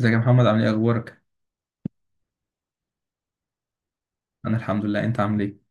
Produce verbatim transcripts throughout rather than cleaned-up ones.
ازيك يا محمد؟ عامل ايه؟ اخبارك؟ انا الحمد لله. انت عامل ايه؟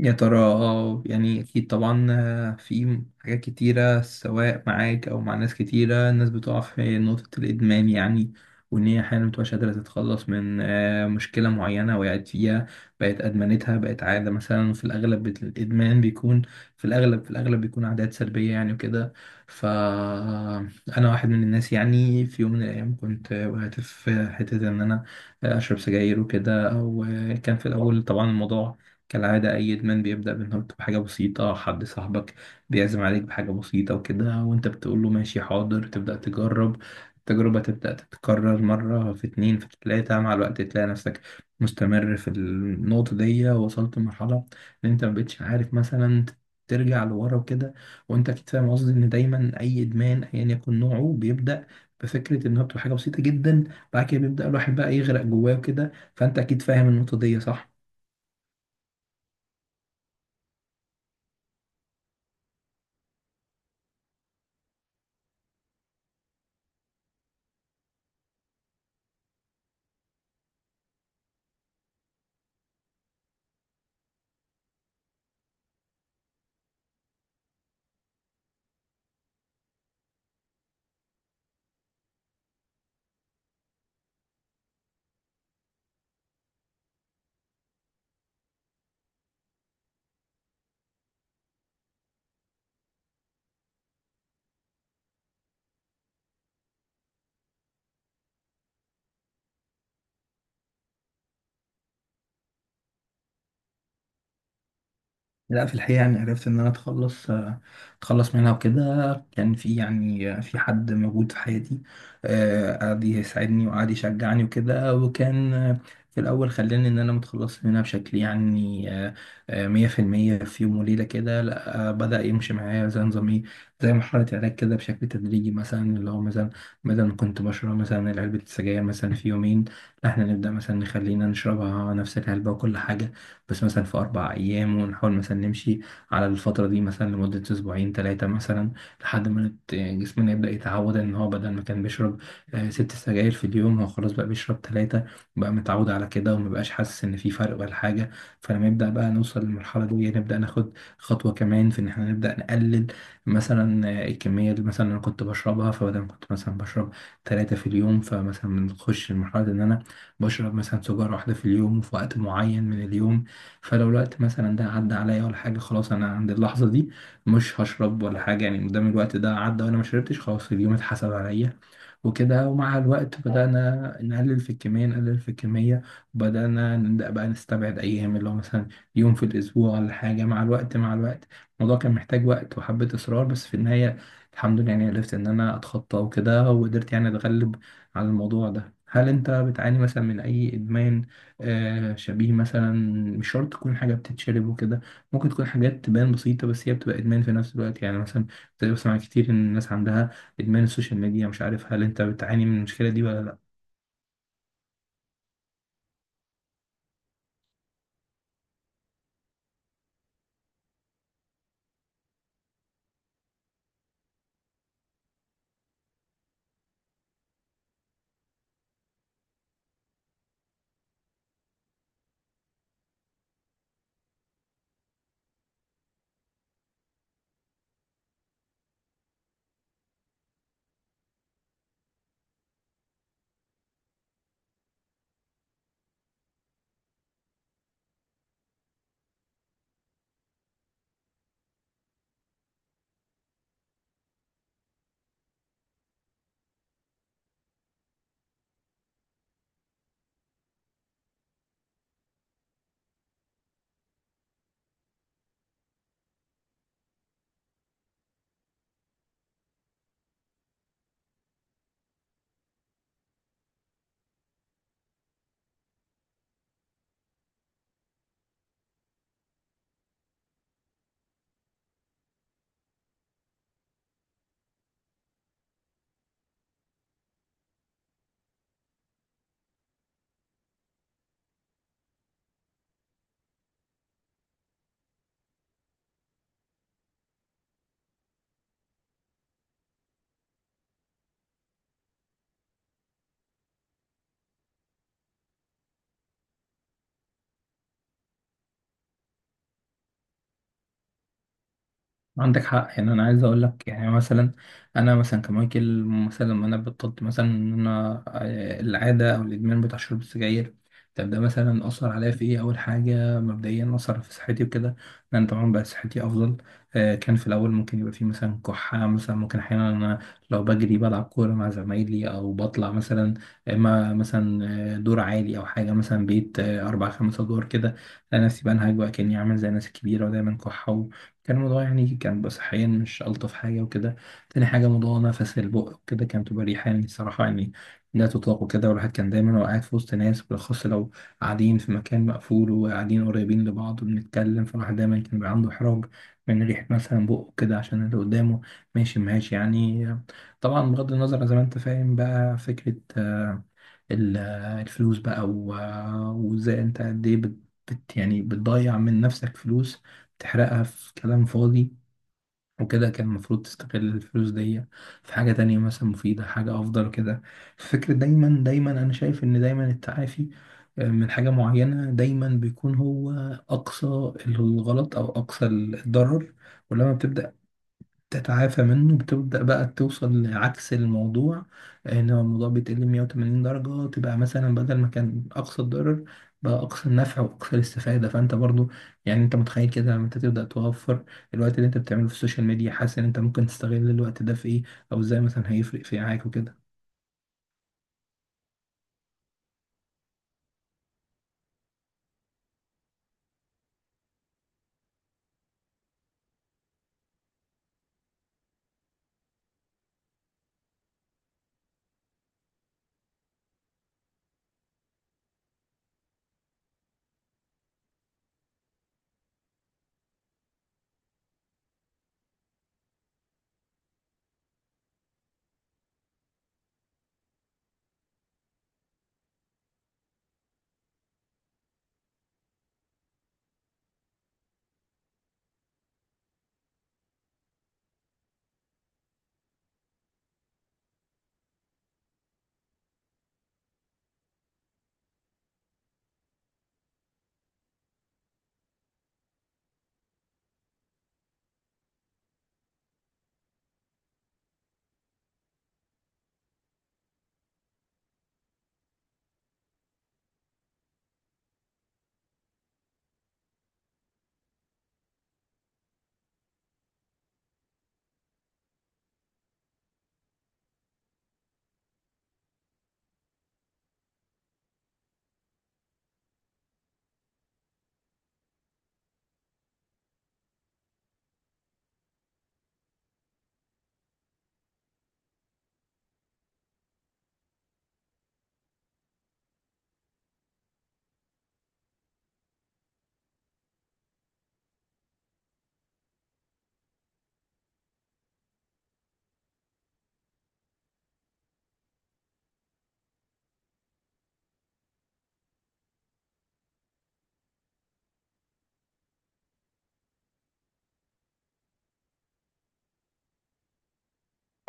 يا ترى اه يعني اكيد طبعا. آه، في حاجات كتيرة سواء معاك او مع ناس كتيرة، الناس بتقع في نقطة الادمان يعني. وان هي احيانا متبقاش قادرة تتخلص من آه، مشكلة معينة وقعت فيها، بقت ادمنتها، بقت عادة. مثلا في الاغلب بت- الادمان بيكون، في الاغلب في الاغلب بيكون عادات سلبية يعني وكده. فانا واحد من الناس، يعني في يوم من الايام كنت وقعت في حتة ان انا آه، اشرب سجاير وكده. او آه، كان في الاول طبعا الموضوع كالعادة، أي إدمان بيبدأ بإنه بحاجة بسيطة، حد صاحبك بيعزم عليك بحاجة بسيطة وكده، وأنت بتقول له ماشي حاضر، تبدأ تجرب. التجربة تبدأ تتكرر، مرة في اتنين في تلاتة، مع الوقت تلاقي نفسك مستمر في النقطة دي، وصلت لمرحلة إن أنت مبقتش عارف مثلا ترجع لورا وكده. وأنت أكيد فاهم قصدي، إن دايما أي إدمان أيا يكن نوعه بيبدأ بفكرة إنها بتبقى حاجة بسيطة جدا، بعد كده بيبدأ الواحد بقى يغرق جواه وكده. فأنت أكيد فاهم النقطة دي، صح؟ لا، في الحقيقة يعني عرفت إن أنا أتخلص آه، أتخلص منها وكده. كان في يعني آه، في حد موجود في حياتي آه، قعد يساعدني وقعد يشجعني وكده، وكان آه، في الأول خلاني إن أنا متخلص منها بشكل يعني آه، آه، مية في المية في يوم وليلة كده. لا، آه، بدأ يمشي معايا زي نظام إيه، زي مرحلة علاج كده بشكل تدريجي. مثلا اللي هو مثلا بدل ما كنت بشرب مثلا علبة السجاير مثلا في يومين، لا إحنا نبدأ مثلا نخلينا نشربها نفس العلبة وكل حاجة بس مثلا في أربع أيام، ونحاول مثلا نمشي على الفترة دي مثلا لمدة أسبوعين ثلاثة مثلا لحد ما نت- جسمنا يبدأ يتعود إن هو بدل ما كان بيشرب آه، ست سجاير في اليوم، هو خلاص بقى بيشرب ثلاثة، بقى متعود على كده ومبقاش حاسس إن في فرق ولا حاجة. فلما يبدأ بقى نوصل للمرحلة دي، نبدأ ناخد خطوة كمان في إن إحنا نبدأ نقلل مثلا آه، الكمية اللي مثلا أنا كنت بشربها. فبدل ما كنت مثلا بشرب ثلاثة في اليوم، فمثلا بنخش لمرحلة إن أنا بشرب مثلا سيجارة واحدة في اليوم، وفي وقت معين من اليوم. فلو الوقت مثلا ده عدى عليا ولا حاجة، خلاص أنا عند اللحظة دي مش هشرب ولا حاجة يعني، مادام الوقت ده عدى وأنا ما شربتش، خلاص اليوم اتحسب عليا وكده. ومع الوقت بدأنا نقلل في الكمية، نقلل في الكمية، بدأنا نبدأ بقى نستبعد أيام اللي هو مثلا يوم في الأسبوع ولا حاجة. مع الوقت مع الوقت الموضوع كان محتاج وقت وحبة إصرار، بس في النهاية الحمد لله يعني عرفت إن أنا أتخطى وكده، وقدرت يعني أتغلب على الموضوع ده. هل أنت بتعاني مثلا من أي إدمان آه، شبيه مثلا؟ مش شرط تكون حاجة بتتشرب وكده، ممكن تكون حاجات تبان بسيطة بس هي بتبقى إدمان في نفس الوقت، يعني مثلا بتبقى بسمع كتير إن الناس عندها إدمان السوشيال ميديا. مش عارف، هل أنت بتعاني من المشكلة دي ولا لأ؟ عندك حق، يعني انا عايز اقول لك يعني مثلا انا مثلا كمايكل، مثلا لما انا بطلت مثلا ان انا آه، العاده او الادمان بتاع شرب السجاير، طب ده مثلا اثر عليا في ايه؟ اول حاجه مبدئيا اثر في صحتي وكده، لان طبعا بقى صحتي افضل. آه، كان في الاول ممكن يبقى في مثلا كحه، مثلا ممكن احيانا انا لو بجري بلعب كوره مع زمايلي او بطلع مثلا، اما مثلا آه، دور عالي او حاجه مثلا بيت آه، اربع خمس ادوار كده، انا نفسي بنهج بقى كاني عامل زي الناس الكبيره ودايما كحه. كان الموضوع يعني كان بقى صحيا مش ألطف حاجة وكده. تاني حاجة موضوع نفس البق وكده، كان بتبقى ريحة يعني صراحة يعني لا تطاق وكده. والواحد كان دايما وقاعد في وسط ناس، بالأخص لو قاعدين في مكان مقفول وقاعدين قريبين لبعض وبنتكلم، فالواحد دايما كان بيبقى عنده إحراج من ريحة مثلا بقه كده عشان اللي قدامه، ماشي ماشي يعني. طبعا بغض النظر، زي ما أنت فاهم بقى، فكرة ال- الفلوس بقى و- وازاي انت قد ايه بت بت- يعني بتضيع من نفسك فلوس، بتحرقها في كلام فاضي وكده. كان المفروض تستغل الفلوس دي في حاجة تانية مثلا مفيدة، حاجة أفضل كده. فكرة دايما دايما أنا شايف إن دايما التعافي آه، من حاجة معينة دايما بيكون هو أقصى الغلط أو أقصى الضرر، ولما بتبدأ تتعافى منه بتبدأ بقى توصل لعكس الموضوع، ان هو الموضوع بيتقلب مية وتمانين درجة، تبقى مثلا بدل ما كان اقصى الضرر بقى اقصى النفع واقصى الاستفادة. فانت برضو يعني انت متخيل كده لما انت تبدأ توفر الوقت اللي انت بتعمله في السوشيال ميديا، حاسس ان انت ممكن تستغل الوقت ده في ايه؟ او ازاي مثلا هيفرق في معاك وكده؟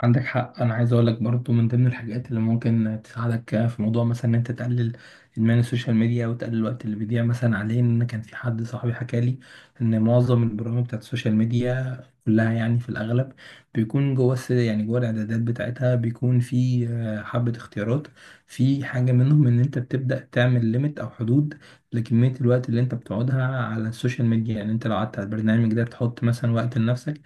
عندك حق، انا عايز اقول لك برضو من ضمن الحاجات اللي ممكن تساعدك في موضوع مثلا ان انت تقلل ادمان السوشيال ميديا وتقلل الوقت اللي بيضيع مثلا عليه، ان كان في حد صاحبي حكى لي ان معظم البرامج بتاعت السوشيال ميديا كلها يعني في الاغلب بيكون جوه الس- يعني جوه الاعدادات بتاعتها بيكون في آه، حبة اختيارات في حاجة منهم ان انت بتبدأ تعمل ليميت او حدود لكمية الوقت اللي انت بتقعدها على السوشيال ميديا. يعني انت لو قعدت على البرنامج ده بتحط مثلا وقت لنفسك،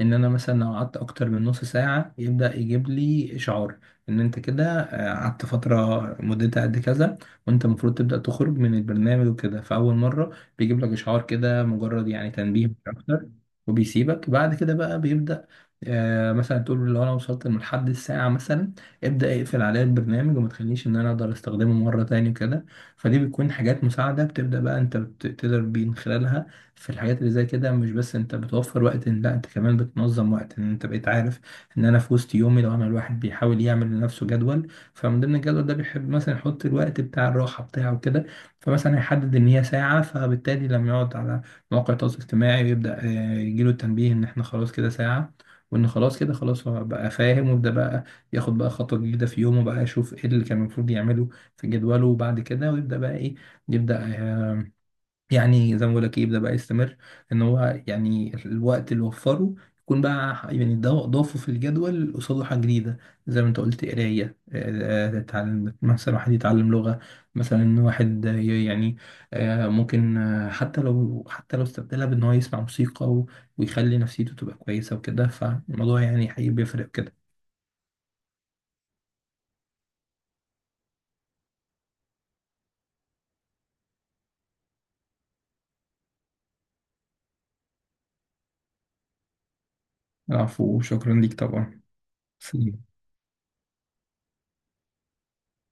ان انا مثلا لو قعدت اكتر من نص ساعة يبدأ يجيب لي اشعار ان انت كده آه، قعدت فترة مدتها قد كذا، وانت المفروض تبدأ تخرج من البرنامج وكده. فاول مرة بيجيب لك اشعار كده مجرد يعني تنبيه مش اكتر، وبيسيبك بعد كده. بقى بيبدأ آه مثلا تقول له لو انا وصلت لحد الساعة مثلا، ابدأ اقفل عليا البرنامج وما تخليش ان انا اقدر استخدمه مرة تاني وكده. فدي بتكون حاجات مساعدة بتبدأ بقى انت بت- تقدر بين خلالها في الحاجات اللي زي كده. مش بس انت بتوفر وقت، إن- لا انت كمان بتنظم وقت، ان انت بقيت عارف ان انا في وسط يومي. لو انا الواحد بيحاول يعمل لنفسه جدول، فمن ضمن الجدول ده بيحب مثلا يحط الوقت بتاع الراحة بتاعه كده، فمثلا هيحدد ان هي ساعة. فبالتالي لما يقعد على مواقع التواصل الاجتماعي ويبدأ آه، يجيله التنبيه ان احنا خلاص كده ساعة، وان خلاص كده خلاص هو بقى فاهم، ويبدأ بقى ياخد بقى خطوة جديدة في يومه، بقى يشوف ايه اللي كان المفروض يعمله في جدوله، وبعد كده ويبدأ بقى ايه، يبدأ آه، يعني زي ما بقول لك يبدا بقى يستمر ان هو يعني الوقت اللي وفره يكون بقى يعني ده ضافه في الجدول قصاده حاجه جديده، زي ما انت قلت قرايه آه، آه، تتعلم، مثلا واحد يتعلم لغه، مثلا واحد ي- يعني آه، ممكن آه، حتى لو حتى لو استبدلها بان هو يسمع موسيقى و- ويخلي نفسيته تبقى كويسه وكده، فالموضوع يعني حقيقي بيفرق كده. العفو وشكرا ليك طبعا. سلام.